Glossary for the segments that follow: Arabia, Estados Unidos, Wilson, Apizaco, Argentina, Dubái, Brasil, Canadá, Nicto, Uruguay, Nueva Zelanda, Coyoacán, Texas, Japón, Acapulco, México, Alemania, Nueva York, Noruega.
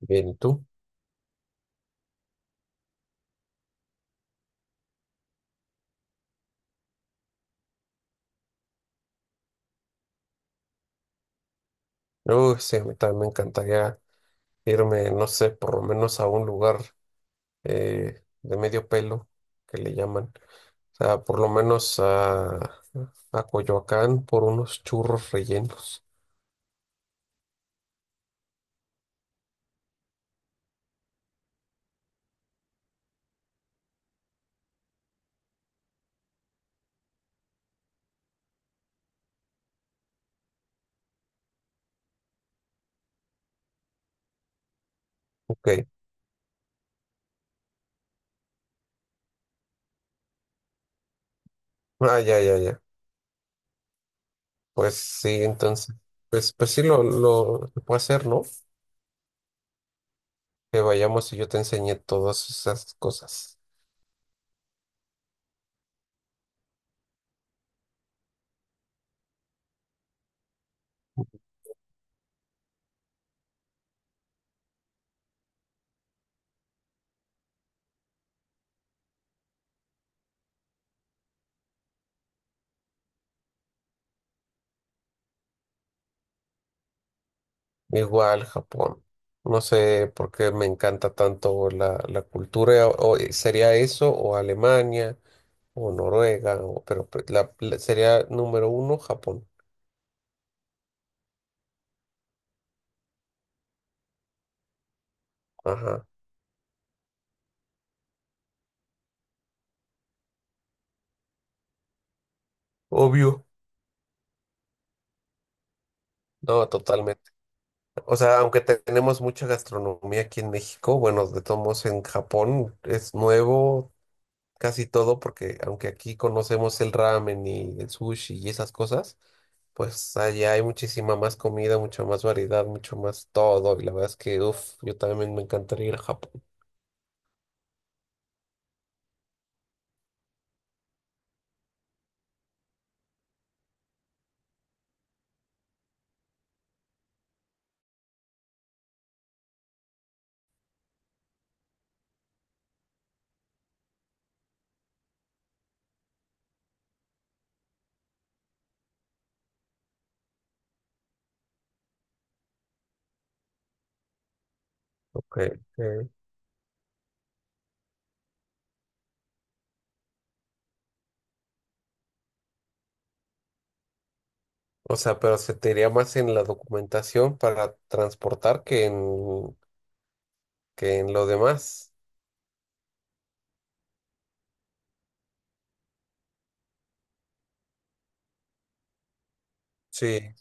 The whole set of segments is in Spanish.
Bien, ¿y tú? Uy, sí, a mí también me encantaría irme, no sé, por lo menos a un lugar de medio pelo, que le llaman. O sea, por lo menos a Coyoacán por unos churros rellenos. Ok. Ah, ya, ya, ya. Pues sí, entonces. Pues sí, se puede hacer, ¿no? Que vayamos y yo te enseñé todas esas cosas. Igual, Japón. No sé por qué me encanta tanto la cultura. Sería eso o Alemania o Noruega, sería número uno Japón. Ajá, obvio. No, totalmente. O sea, tenemos mucha gastronomía aquí en México, bueno, de todos modos en Japón es nuevo casi todo, porque aunque aquí conocemos el ramen y el sushi y esas cosas, pues allá hay muchísima más comida, mucha más variedad, mucho más todo. Y la verdad es que, uff, yo también me encantaría ir a Japón. Ok, ok. O sea, pero se te iría más en la documentación para transportar que en lo demás. Sí.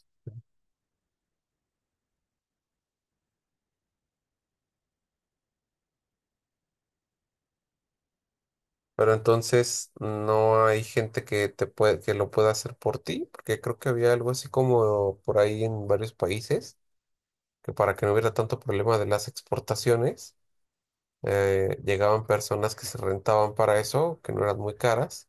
Pero entonces no hay gente que te puede, que lo pueda hacer por ti, porque creo que había algo así como por ahí en varios países, que para que no hubiera tanto problema de las exportaciones, llegaban personas que se rentaban para eso, que no eran muy caras.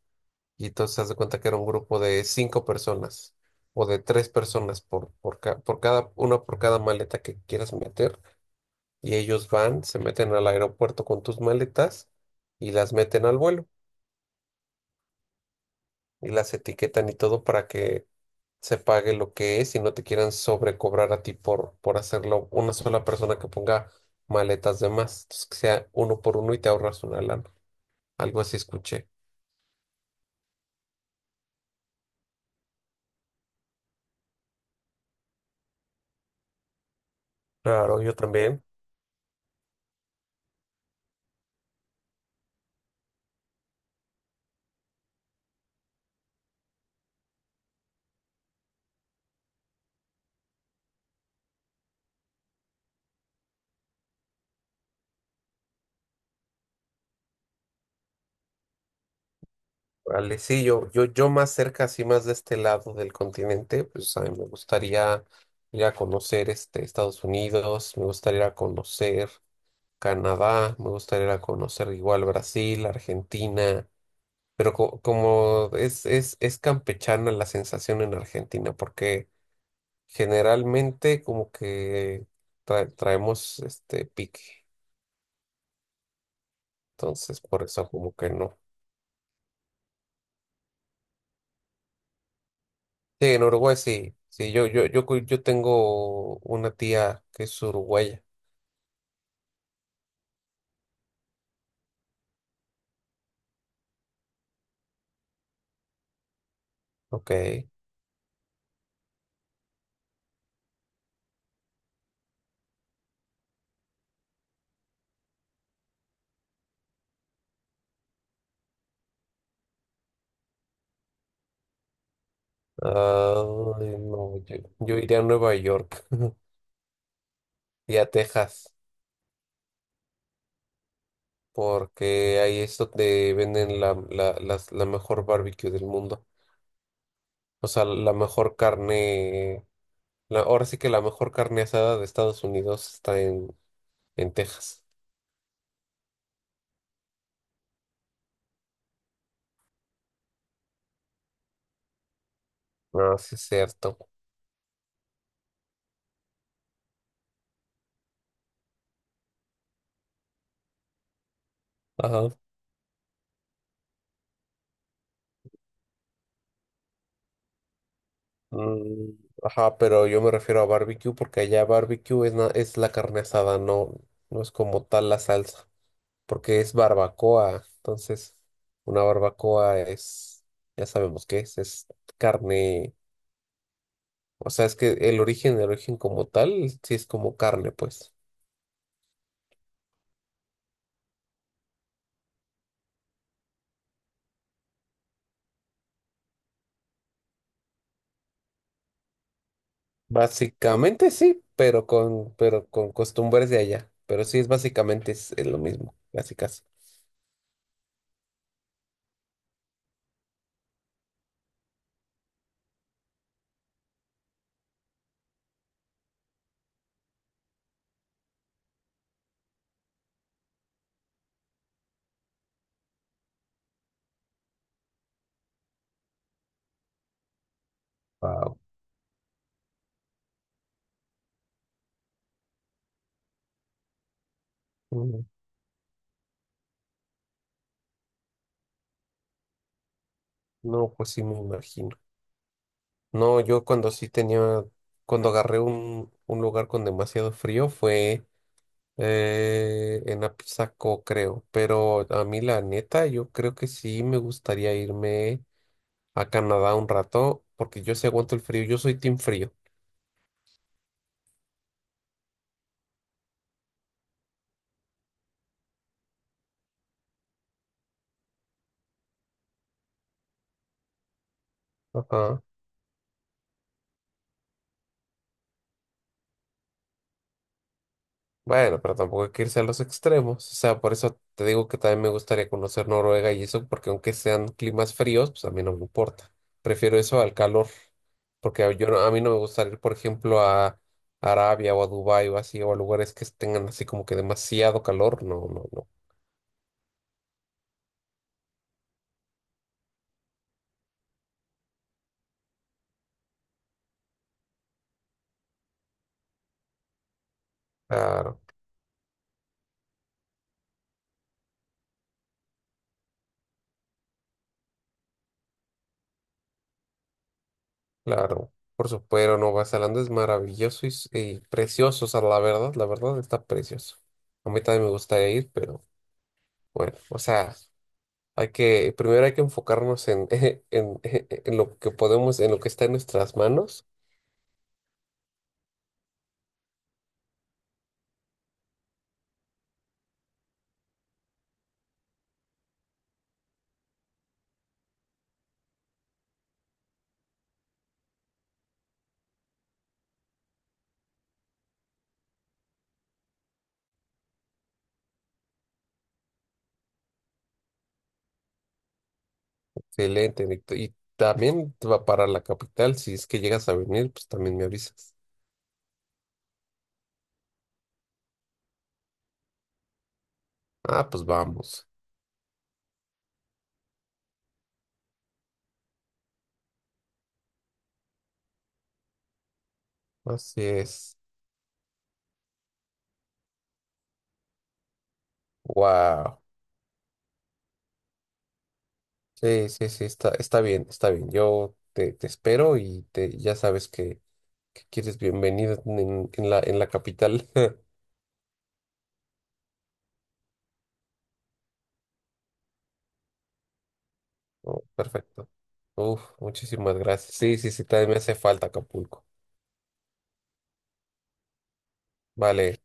Y entonces haz de cuenta que era un grupo de cinco personas o de tres personas por, ca- por cada, una por cada maleta que quieras meter. Y ellos van, se meten al aeropuerto con tus maletas y las meten al vuelo y las etiquetan y todo para que se pague lo que es y no te quieran sobrecobrar a ti por hacerlo una sola persona que ponga maletas de más. Entonces que sea uno por uno y te ahorras una lana. Algo así escuché. Claro, yo también. Vale, sí, yo más cerca, así más de este lado del continente, pues a mí me gustaría ir a conocer este, Estados Unidos, me gustaría ir a conocer Canadá, me gustaría ir a conocer igual Brasil, Argentina, pero es campechana la sensación en Argentina, porque generalmente como que traemos este pique, entonces por eso como que no. Sí, en Uruguay sí. Sí, yo tengo una tía que es uruguaya. Ok. Ah, no, yo iría a Nueva York y a Texas, porque ahí es donde venden la mejor barbecue del mundo. O sea, la mejor carne. Ahora sí que la mejor carne asada de Estados Unidos está en Texas. Ah, sí, es cierto. Ajá. Mm, ajá, pero yo me refiero a barbecue porque allá barbecue es la carne asada, no, no es como tal la salsa, porque es barbacoa. Entonces, una barbacoa es, ya sabemos qué es carne. O sea, es que el origen como tal, sí es como carne, pues. Básicamente sí, pero pero con costumbres de allá. Pero sí es básicamente es lo mismo, casi casi. Wow. No, pues sí me imagino. No, yo cuando sí tenía, cuando agarré un lugar con demasiado frío fue en Apizaco, creo. Pero a mí la neta, yo creo que sí me gustaría irme a Canadá un rato, porque yo sí aguanto el frío, yo soy team frío. Ajá. Bueno, pero tampoco hay que irse a los extremos. O sea, por eso te digo que también me gustaría conocer Noruega y eso, porque aunque sean climas fríos, pues a mí no me importa. Prefiero eso al calor, porque a- yo no- a mí no me gustaría ir, por ejemplo, a Arabia o a Dubái o así, o a lugares que tengan así como que demasiado calor. No, no, no. Claro, claro. Por supuesto, Nueva Zelanda es maravilloso y, y precioso. O sea, la verdad está precioso. A mí también me gustaría ir, pero bueno, o sea. Hay que, primero hay que enfocarnos en lo que podemos, en lo que está en nuestras manos. Excelente, Nicto. Y también va para la capital. Si es que llegas a venir, pues también me avisas. Ah, pues vamos. Así es. Wow. Sí, sí, sí, está, está bien, está bien. Yo te, te espero y te, ya sabes que quieres bienvenido en la capital. Oh, perfecto. Uf, muchísimas gracias. Sí, sí, sí, también me hace falta Acapulco. Vale.